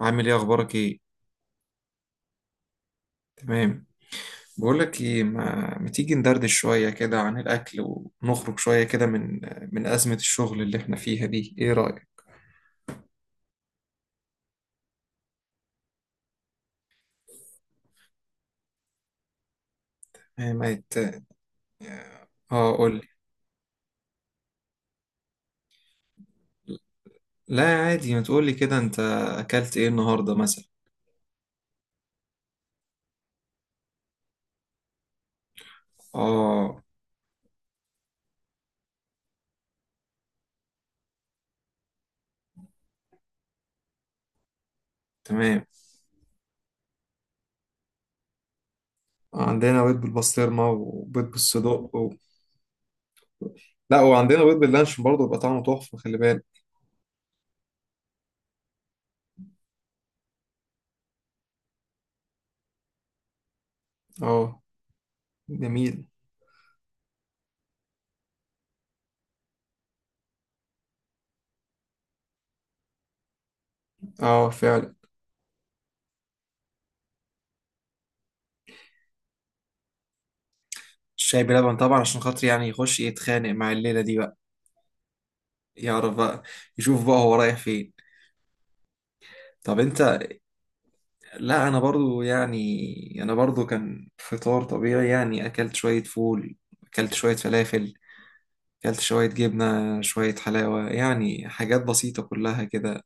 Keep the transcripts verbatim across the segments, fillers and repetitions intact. عامل ايه اخبارك ايه؟ تمام. بقول لك ايه، ما, ما تيجي ندردش شويه كده عن الاكل، ونخرج شويه كده من من ازمه الشغل اللي احنا فيها دي. ايه رايك؟ إيه ما يت... اه، قول لي. لا عادي، ما تقول لي كده، انت اكلت ايه النهارده مثلا؟ اه. تمام. عندنا بيض بالبسطرمه وبيض بالصدق و... لا، وعندنا بيض باللانشون برضه بيبقى طعمه تحفه، خلي بالك. اه، جميل. اه، فعلا. الشاي بلبن طبعا عشان خاطر يعني يخش يتخانق مع الليله دي بقى. يعرف بقى، يشوف بقى هو رايح فين. طب انت؟ لا انا برضو، يعني انا برضو كان فطار طبيعي، يعني اكلت شوية فول، اكلت شوية فلافل، اكلت شوية جبنة، شوية حلاوة، يعني حاجات بسيطة كلها كده.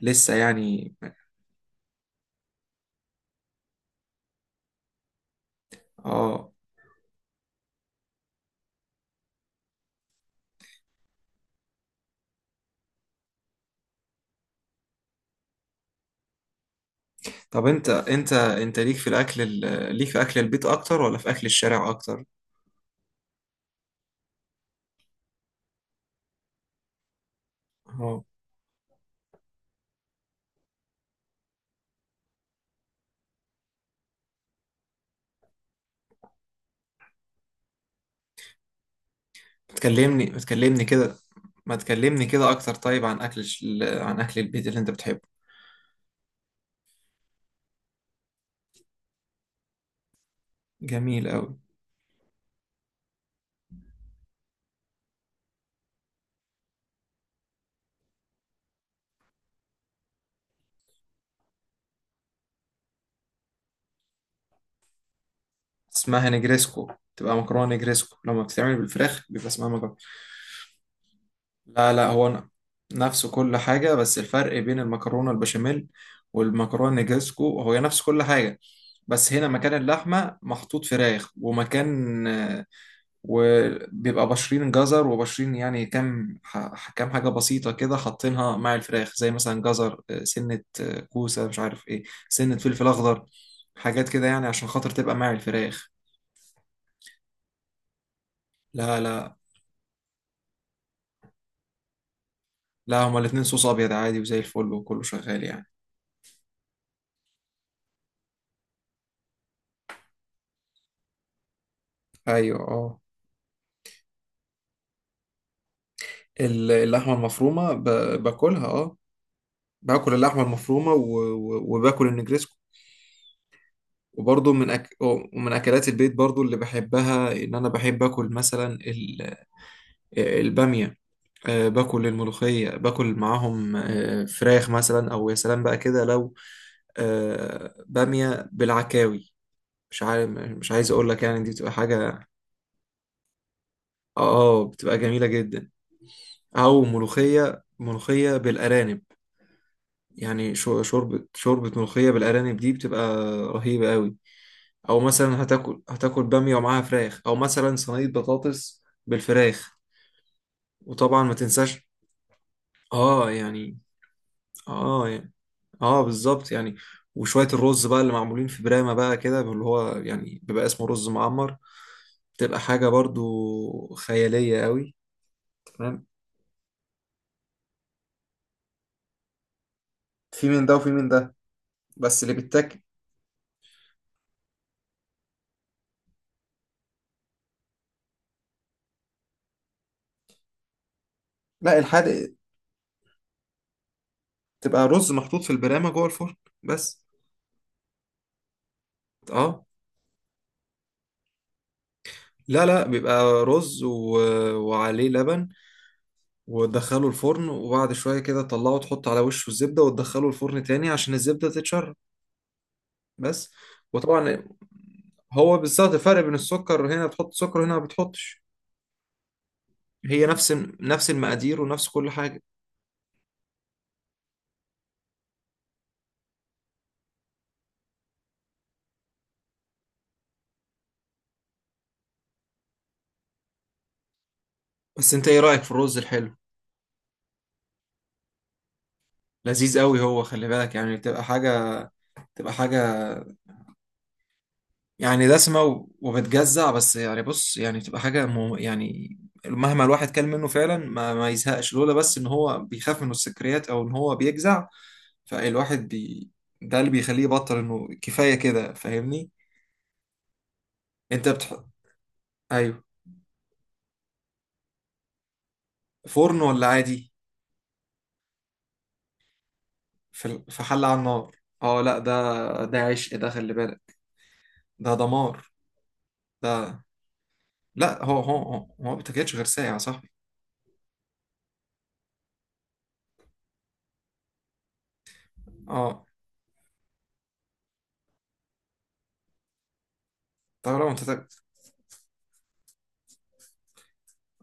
لسه يعني. اه. طب انت انت انت ليك في الاكل، ال- ليك في اكل البيت اكتر ولا في اكل الشارع اكتر؟ اه. تكلمني تكلمني كده، ما تكلمني كده اكتر. طيب، عن اكل الش- عن اكل البيت اللي انت بتحبه. جميل قوي. اسمها نجريسكو، تبقى مكرونة نجريسكو لما بتتعمل بالفراخ بيبقى اسمها مكرونة. لا لا، هو ن- نفسه كل حاجة، بس الفرق بين المكرونة البشاميل والمكرونة نجريسكو هو نفس كل حاجة، بس هنا مكان اللحمة محطوط فراخ، ومكان آه، وبيبقى بشرين جزر وبشرين، يعني كام ح- كام حاجة بسيطة كده حاطينها مع الفراخ، زي مثلا جزر، آه، سنة، آه، كوسة، مش عارف ايه، سنة فلفل أخضر، حاجات كده يعني عشان خاطر تبقى مع الفراخ. لا لا لا، هما الاتنين صوص ابيض عادي وزي الفل وكله شغال يعني. ايوه اه. ال- اللحمه المفرومه، ب... باكلها اه، باكل اللحمه المفرومه و... و... وباكل النجريسكو. وبرضه من أك... ومن اكلات البيت برضه اللي بحبها ان انا بحب اكل مثلا ال... الباميه، آه، باكل الملوخيه، باكل معاهم آه، فراخ مثلا، او يا سلام بقى كده لو آه، باميه بالعكاوي، مش عارف، مش عايز اقول لك، يعني دي بتبقى حاجه اه، آه، بتبقى جميله جدا. او ملوخيه ملوخيه بالارانب، يعني شو- شوربه شوربه ملوخيه بالارانب دي بتبقى رهيبه قوي. او مثلا هتاكل هتاكل باميه ومعاها فراخ، او مثلا صينيه بطاطس بالفراخ. وطبعا ما تنساش. اه يعني، اه يعني، اه بالظبط يعني. وشويه الرز بقى اللي معمولين في برامه بقى كده اللي هو يعني بيبقى اسمه رز معمر، بتبقى حاجه برضو خياليه قوي. تمام. في من ده وفي من ده، بس اللي بيتاكل. لا، الحادق تبقى رز محطوط في البرامة جوه الفرن، بس. اه. لا لا، بيبقى رز و... وعليه لبن، وتدخله الفرن، وبعد شوية كده تطلعه وتحط على وشه الزبدة وتدخله الفرن تاني عشان الزبدة تتشرب، بس. وطبعا، هو بالظبط الفرق بين السكر، هنا بتحط سكر، هنا ما بتحطش. هي نفس نفس المقادير ونفس كل حاجة. بس انت ايه رأيك في الرز الحلو؟ لذيذ قوي هو، خلي بالك يعني بتبقى حاجة، بتبقى حاجة يعني دسمة و- وبتجزع، بس يعني بص يعني بتبقى حاجة مو يعني، مهما الواحد كل منه فعلا ما, ما يزهقش، لولا بس إن هو بيخاف من السكريات أو إن هو بيجزع، فالواحد بي، ده اللي بيخليه يبطل إنه كفاية كده، فاهمني. أنت بتح... أيوه. فرن ولا عادي؟ في ال- في حلة على النار. أه لا، ده ده عشق، ده خلي بالك، ده دمار. ده لا، هو هو هو هو ما بتاكلش غير ساقع يا صاحبي. أه. طب لو أنت تاك-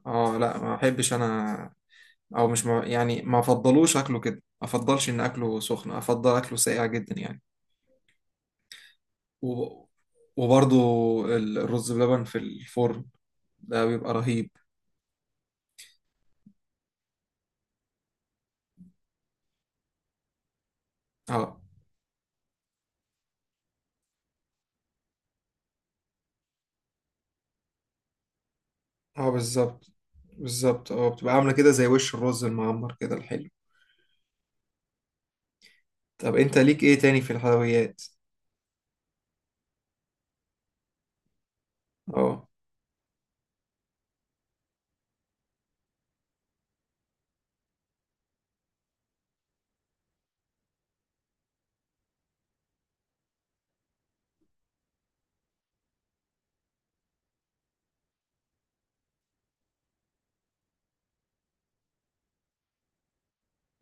أه لا، ما بحبش أنا، او مش مع... يعني ما افضلوش اكله كده، ما افضلش ان اكله سخن، افضل اكله ساقع جدا يعني. و... وبرضو ال- الرز بلبن في الفرن ده بيبقى رهيب. اه اه، بالظبط بالظبط. اه، بتبقى عامله كده زي وش الرز المعمر كده الحلو. طب انت ليك ايه تاني في الحلويات؟ اه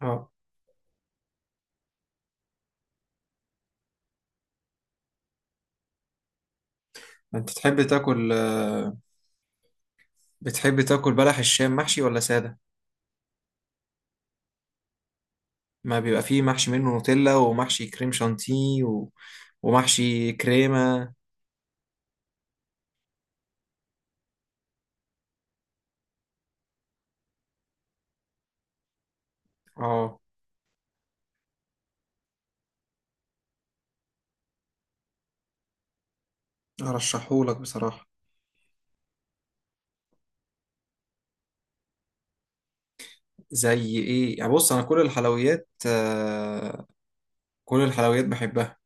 اه. انت تحب تاكل، آه، بتحب تاكل بلح الشام محشي ولا ساده؟ ما بيبقى فيه محشي، منه نوتيلا ومحشي كريم شانتيه و... ومحشي كريمه. اه، ارشحهولك بصراحة. زي ايه يعني؟ بص، انا كل الحلويات آه كل الحلويات بحبها،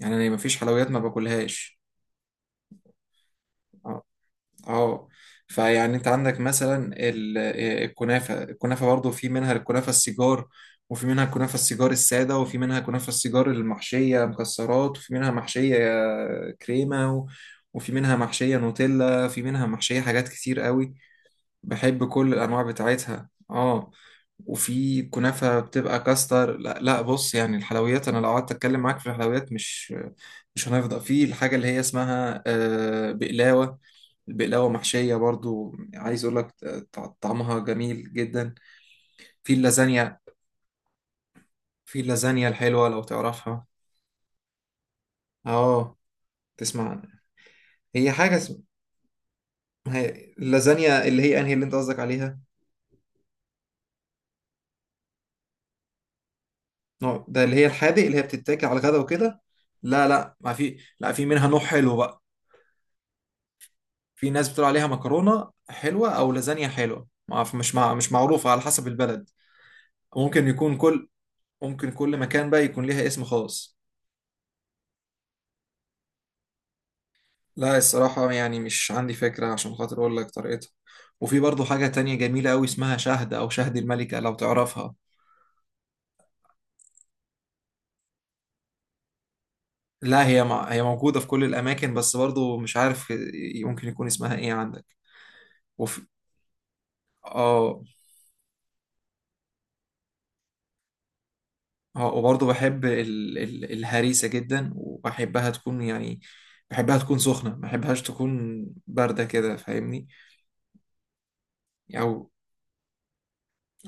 يعني انا مفيش حلويات ما باكلهاش. اه. آه. فيعني انت عندك مثلا ال- آه، الكنافة، الكنافة برضو في منها الكنافة السيجار، وفي منها الكنافة السيجار السادة، وفي منها كنافة السيجار المحشية مكسرات، وفي منها محشية آه، كريمة و- وفي منها محشية نوتيلا، وفي منها محشية حاجات كتير قوي. بحب كل الانواع بتاعتها اه. وفي كنافه بتبقى كاستر. لا لا، بص يعني الحلويات، انا لو قعدت اتكلم معاك في الحلويات مش مش هنفضى، في الحاجه اللي هي اسمها آه، بقلاوه، البقلاوه محشيه برضو، عايز اقول لك ط- طعمها جميل جدا. في اللازانيا، في اللازانيا الحلوه لو تعرفها. اه. تسمع عنها. هي حاجه اسمها، هي- اللازانيا اللي هي انهي اللي انت قصدك عليها، نوع- ده اللي هي الحادق اللي هي بتتاكل على الغدا وكده. لا لا، ما في، لا في منها نوع حلو بقى. في ناس بتقول عليها مكرونة حلوة أو لازانيا حلوة، ما أعرف، مش مع مش معروفة، على حسب البلد. ممكن يكون كل ممكن كل مكان بقى يكون ليها اسم خاص. لا الصراحة يعني مش عندي فكرة عشان خاطر أقول لك طريقتها. وفي برضو حاجة تانية جميلة أوي اسمها شهد، أو شهد الملكة لو تعرفها. لا هي مع... هي موجودة في كل الأماكن، بس برضو مش عارف ممكن يكون اسمها إيه عندك. وفي آه اه وبرضه بحب ال... ال... الهريسة جدا، وبحبها تكون يعني بحبها تكون سخنة، ما بحبهاش تكون باردة كده، فاهمني. او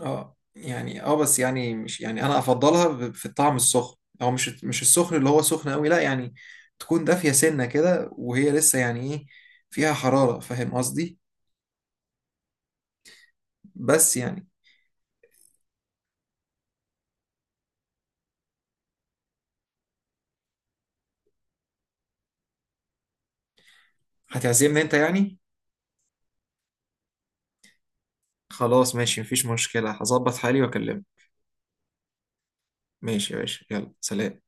اه يعني اه، بس يعني مش يعني انا افضلها ب- في الطعم السخن، او مش مش السخن اللي هو سخن قوي، لا، يعني تكون دافية سنة كده وهي لسه يعني ايه، فيها حرارة، فاهم قصدي. بس يعني. هتعزمني انت يعني. خلاص ماشي، مفيش مشكلة، هظبط حالي واكلمك. ماشي يا باشا، يلا سلام.